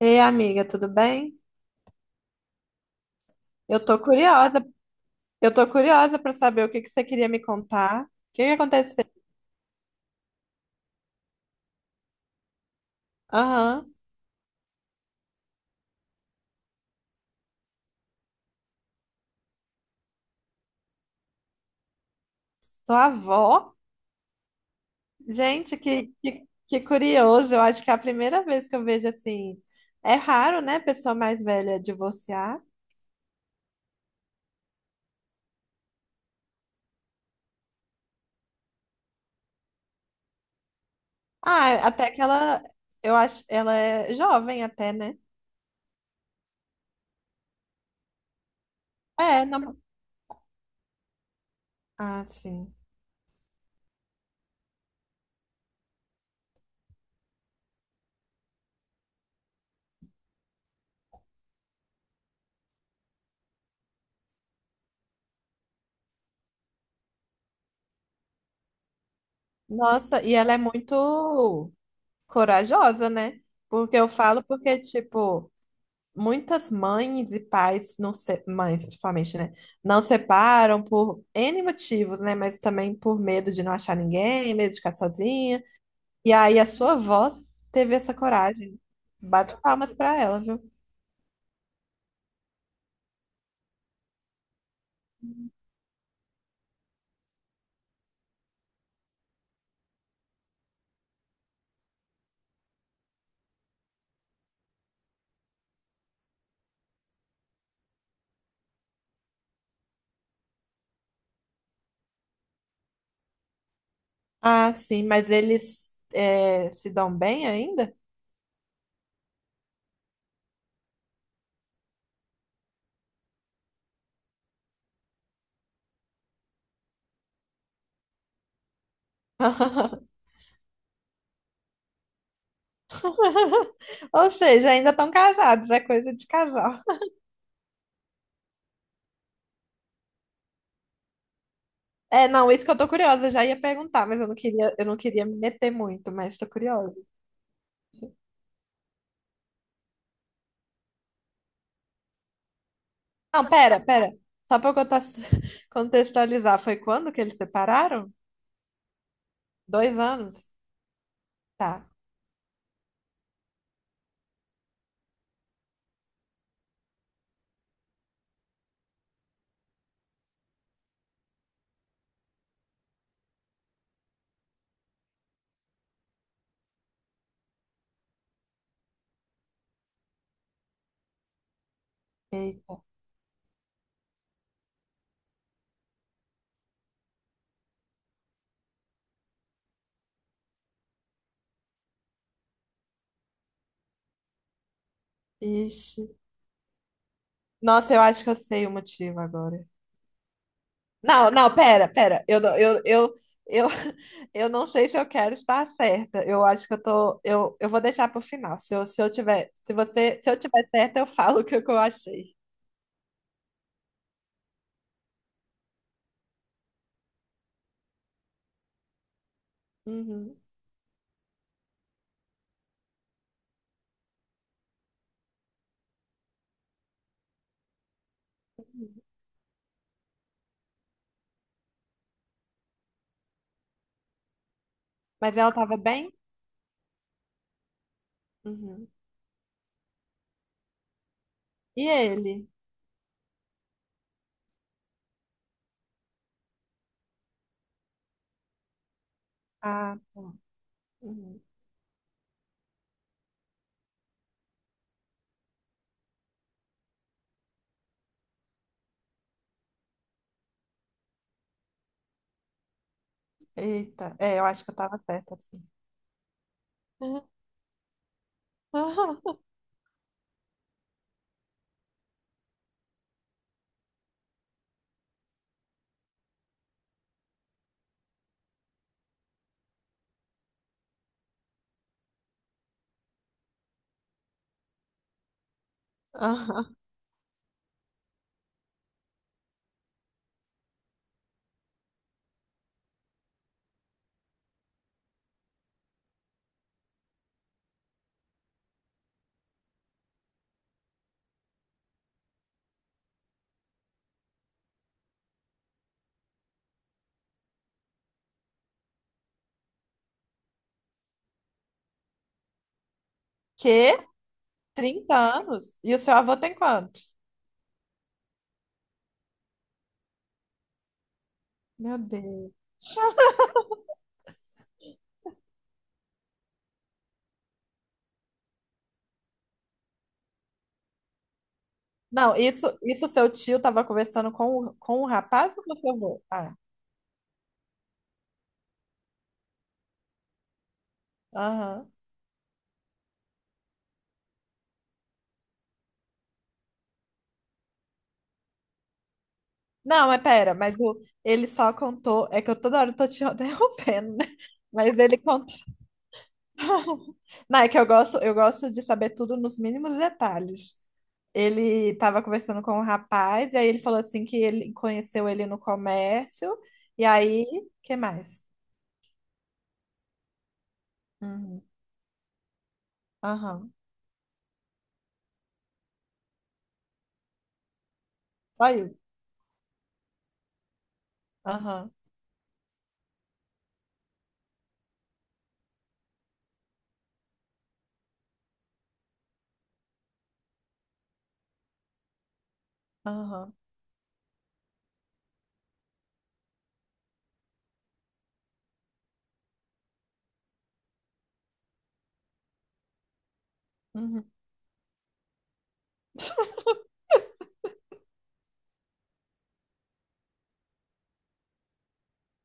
Ei, amiga, tudo bem? Eu tô curiosa, eu tô curiosa pra saber o que que você queria me contar. O que que aconteceu? Aham. Sua avó? Gente, que curioso. Eu acho que é a primeira vez que eu vejo assim. É raro, né, pessoa mais velha divorciar. Ah, até que ela, eu acho, ela é jovem até, né? É, não. Ah, sim. Nossa, e ela é muito corajosa, né? Porque eu falo porque, tipo, muitas mães e pais, mães principalmente, né? Não separam por N motivos, né? Mas também por medo de não achar ninguém, medo de ficar sozinha. E aí a sua avó teve essa coragem. Bato palmas pra ela, viu? Ah, sim, mas eles é, se dão bem ainda? Ou seja, ainda estão casados, é coisa de casal. É, não, isso que eu tô curiosa, já ia perguntar, mas eu não queria me meter muito, mas tô curiosa. Não, pera, pera. Só pra eu conta- contextualizar, foi quando que eles separaram? Dois anos? Tá. Eita. Ixi. Nossa, eu acho que eu sei o motivo agora. Não, não, pera, pera. Eu, não- eu, eu não sei se eu quero estar certa. Eu acho que eu tô. Eu vou deixar pro final. Se eu, se eu tiver, se você, se eu tiver certa, eu falo o que eu achei. Uhum. Mas ela tava bem? Uhum. E ele? Ah, tá. Uhum. Eita, é, eu acho que eu tava certa. Aham. Aham. Quê? 30 anos? E o seu avô tem quantos? Meu Deus. Não, isso seu tio tava conversando com, com o rapaz ou com o seu avô? Ah, aham. Não, mas pera, mas o, ele só contou. É que eu toda hora tô te interrompendo, né? Mas ele contou. Não, é que eu gosto de saber tudo nos mínimos detalhes. Ele tava conversando com o rapaz, e aí ele falou assim que ele conheceu ele no comércio, e aí, que mais? Uhum. Aham. Saiu. Aham. Aham. Uhum.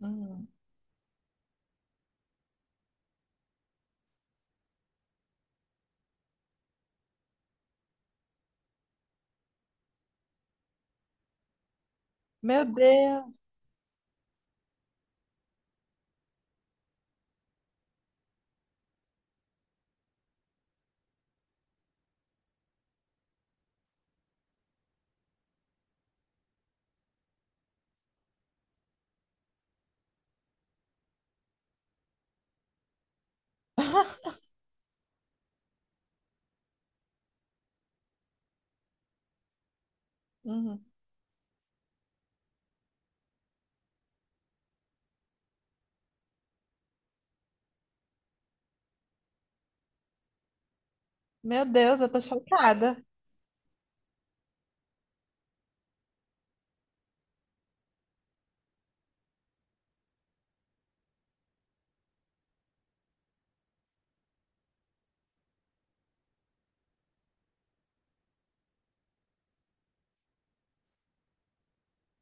Uhum. Meu Deus. Uhum. Meu Deus, eu tô chocada.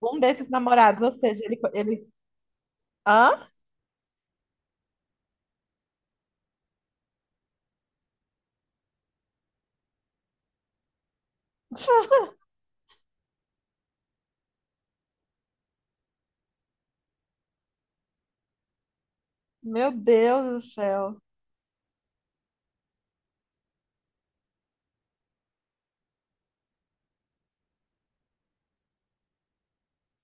Um desses namorados, ou seja, ele... Hã? Meu Deus do céu.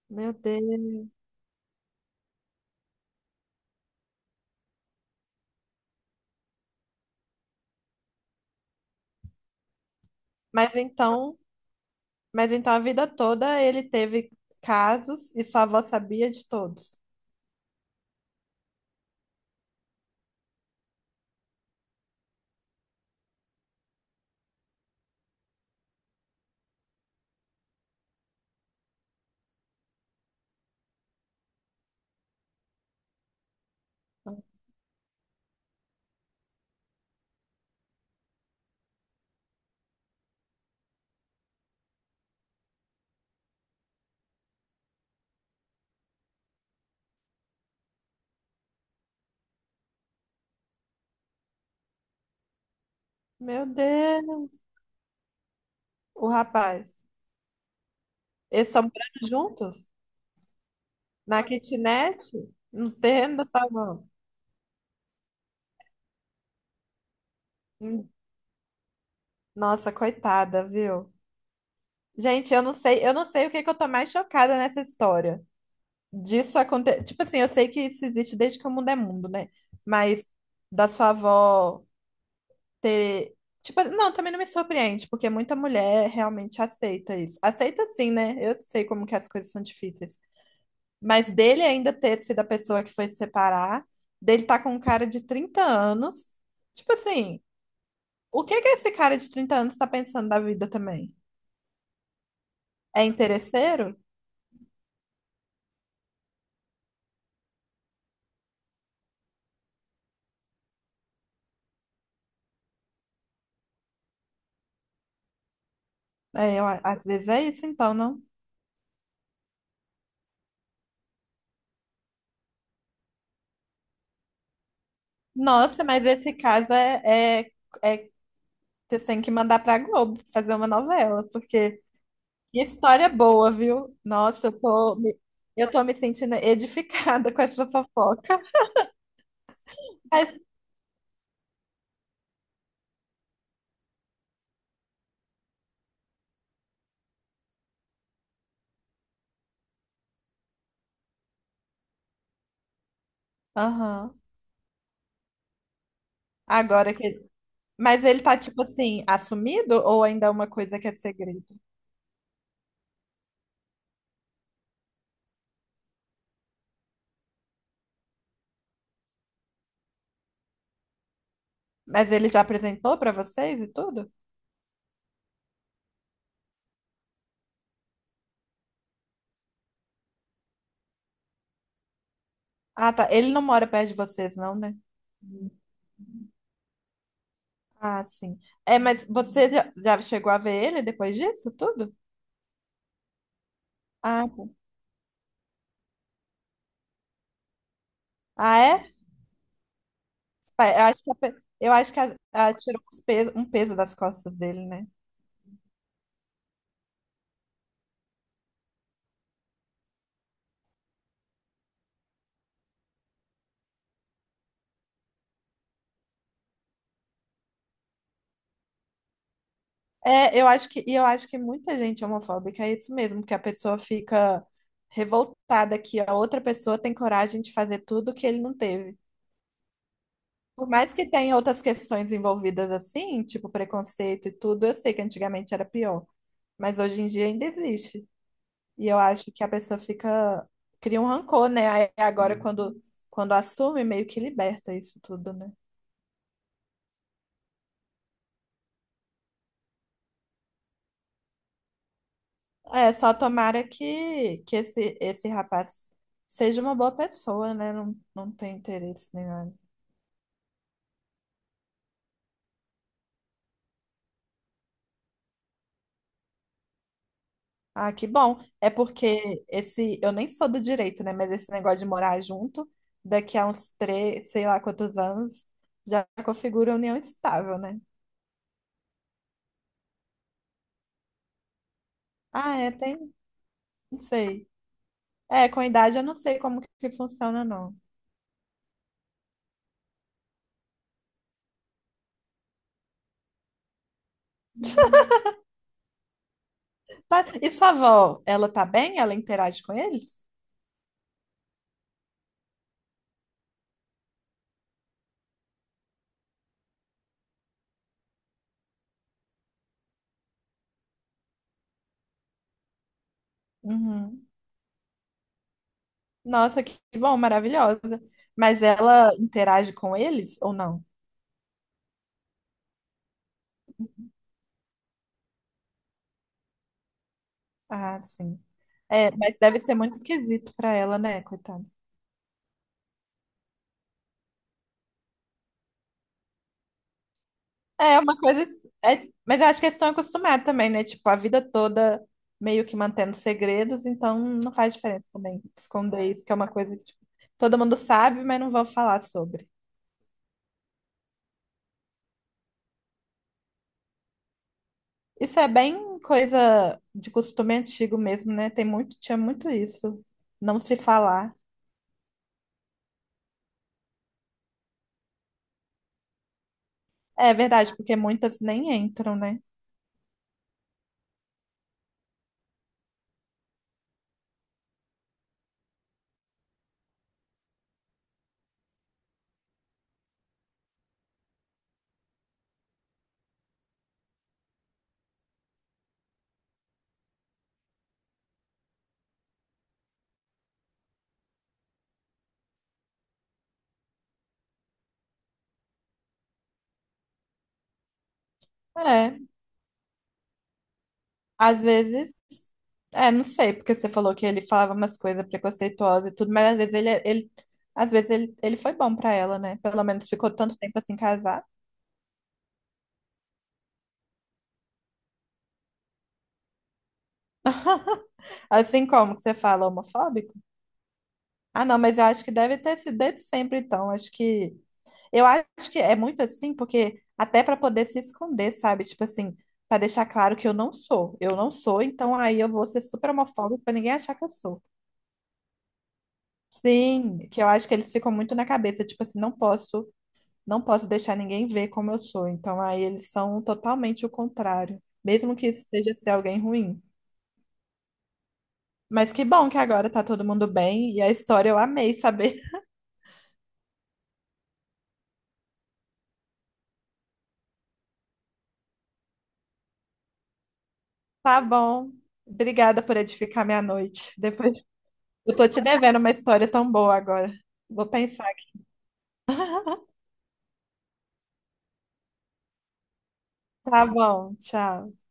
Meu Deus. Mas então, mas então a vida toda ele teve casos e sua avó sabia de todos. Meu Deus. O rapaz. Eles são morando juntos? Na kitnet? Não tem da sabão. Hum. Nossa, coitada, viu? Gente, eu não sei o que que eu tô mais chocada nessa história. Disso acontecer. Tipo assim, eu sei que isso existe desde que o mundo é mundo, né? Mas da sua avó ter. Tipo, não, também não me surpreende, porque muita mulher realmente aceita isso. Aceita sim, né? Eu sei como que as coisas são difíceis. Mas dele ainda ter sido a pessoa que foi se separar, dele tá com um cara de 30 anos. Tipo assim, o que que esse cara de 30 anos tá pensando da vida também? É interesseiro? É, eu, às vezes é isso, então, não. Nossa, mas esse caso é- você tem que mandar pra Globo fazer uma novela, porque que história boa, viu? Nossa, eu tô me sentindo edificada com essa fofoca. Mas, aham, agora que. Mas ele tá, tipo assim, assumido ou ainda é uma coisa que é segredo? Mas ele já apresentou pra vocês e tudo? Ah, tá. Ele não mora perto de vocês, não, né? Ah, sim. É, mas você já chegou a ver ele depois disso tudo? Ah, tá. Ah, é? Eu acho que, eu acho que a tirou um peso das costas dele, né? É, eu acho que, e eu acho que muita gente é homofóbica é isso mesmo, que a pessoa fica revoltada que a outra pessoa tem coragem de fazer tudo que ele não teve. Por mais que tenha outras questões envolvidas assim, tipo preconceito e tudo, eu sei que antigamente era pior, mas hoje em dia ainda existe. E eu acho que a pessoa fica, cria um rancor, né? Aí agora quando assume, meio que liberta isso tudo, né? É, só tomara que esse rapaz seja uma boa pessoa, né? Não, não tem interesse nenhum. Ah, que bom. É porque esse, eu nem sou do direito, né? Mas esse negócio de morar junto, daqui a uns três, sei lá quantos anos, já configura união estável, né? Ah, é, tem, não sei. É, com a idade eu não sei como que funciona, não. Tá, e sua avó, ela tá bem? Ela interage com eles? Uhum. Nossa, que bom, maravilhosa. Mas ela interage com eles ou não? Ah, sim. É, mas deve ser muito esquisito pra ela, né, coitada? É uma coisa. É, mas eu acho que eles estão acostumados também, né? Tipo, a vida toda meio que mantendo segredos, então não faz diferença também esconder isso, que é uma coisa que tipo, todo mundo sabe, mas não vão falar sobre. Isso é bem coisa de costume antigo mesmo, né? Tem muito, tinha muito isso, não se falar. É verdade, porque muitas nem entram, né? É, às vezes, é, não sei, porque você falou que ele falava umas coisas preconceituosas e tudo, mas às vezes ele às vezes ele foi bom pra ela, né? Pelo menos ficou tanto tempo assim casado. Assim como que você fala homofóbico? Ah, não, mas eu acho que deve ter sido desde sempre, então. Acho que eu acho que é muito assim, porque até pra poder se esconder, sabe? Tipo assim, pra deixar claro que eu não sou. Eu não sou, então aí eu vou ser super homofóbico pra ninguém achar que eu sou. Sim, que eu acho que eles ficam muito na cabeça, tipo assim, não posso deixar ninguém ver como eu sou. Então aí eles são totalmente o contrário, mesmo que isso seja ser alguém ruim. Mas que bom que agora tá todo mundo bem e a história eu amei saber. Tá bom. Obrigada por edificar minha noite. Depois eu tô te devendo uma história tão boa agora. Vou pensar. Tá bom, tchau.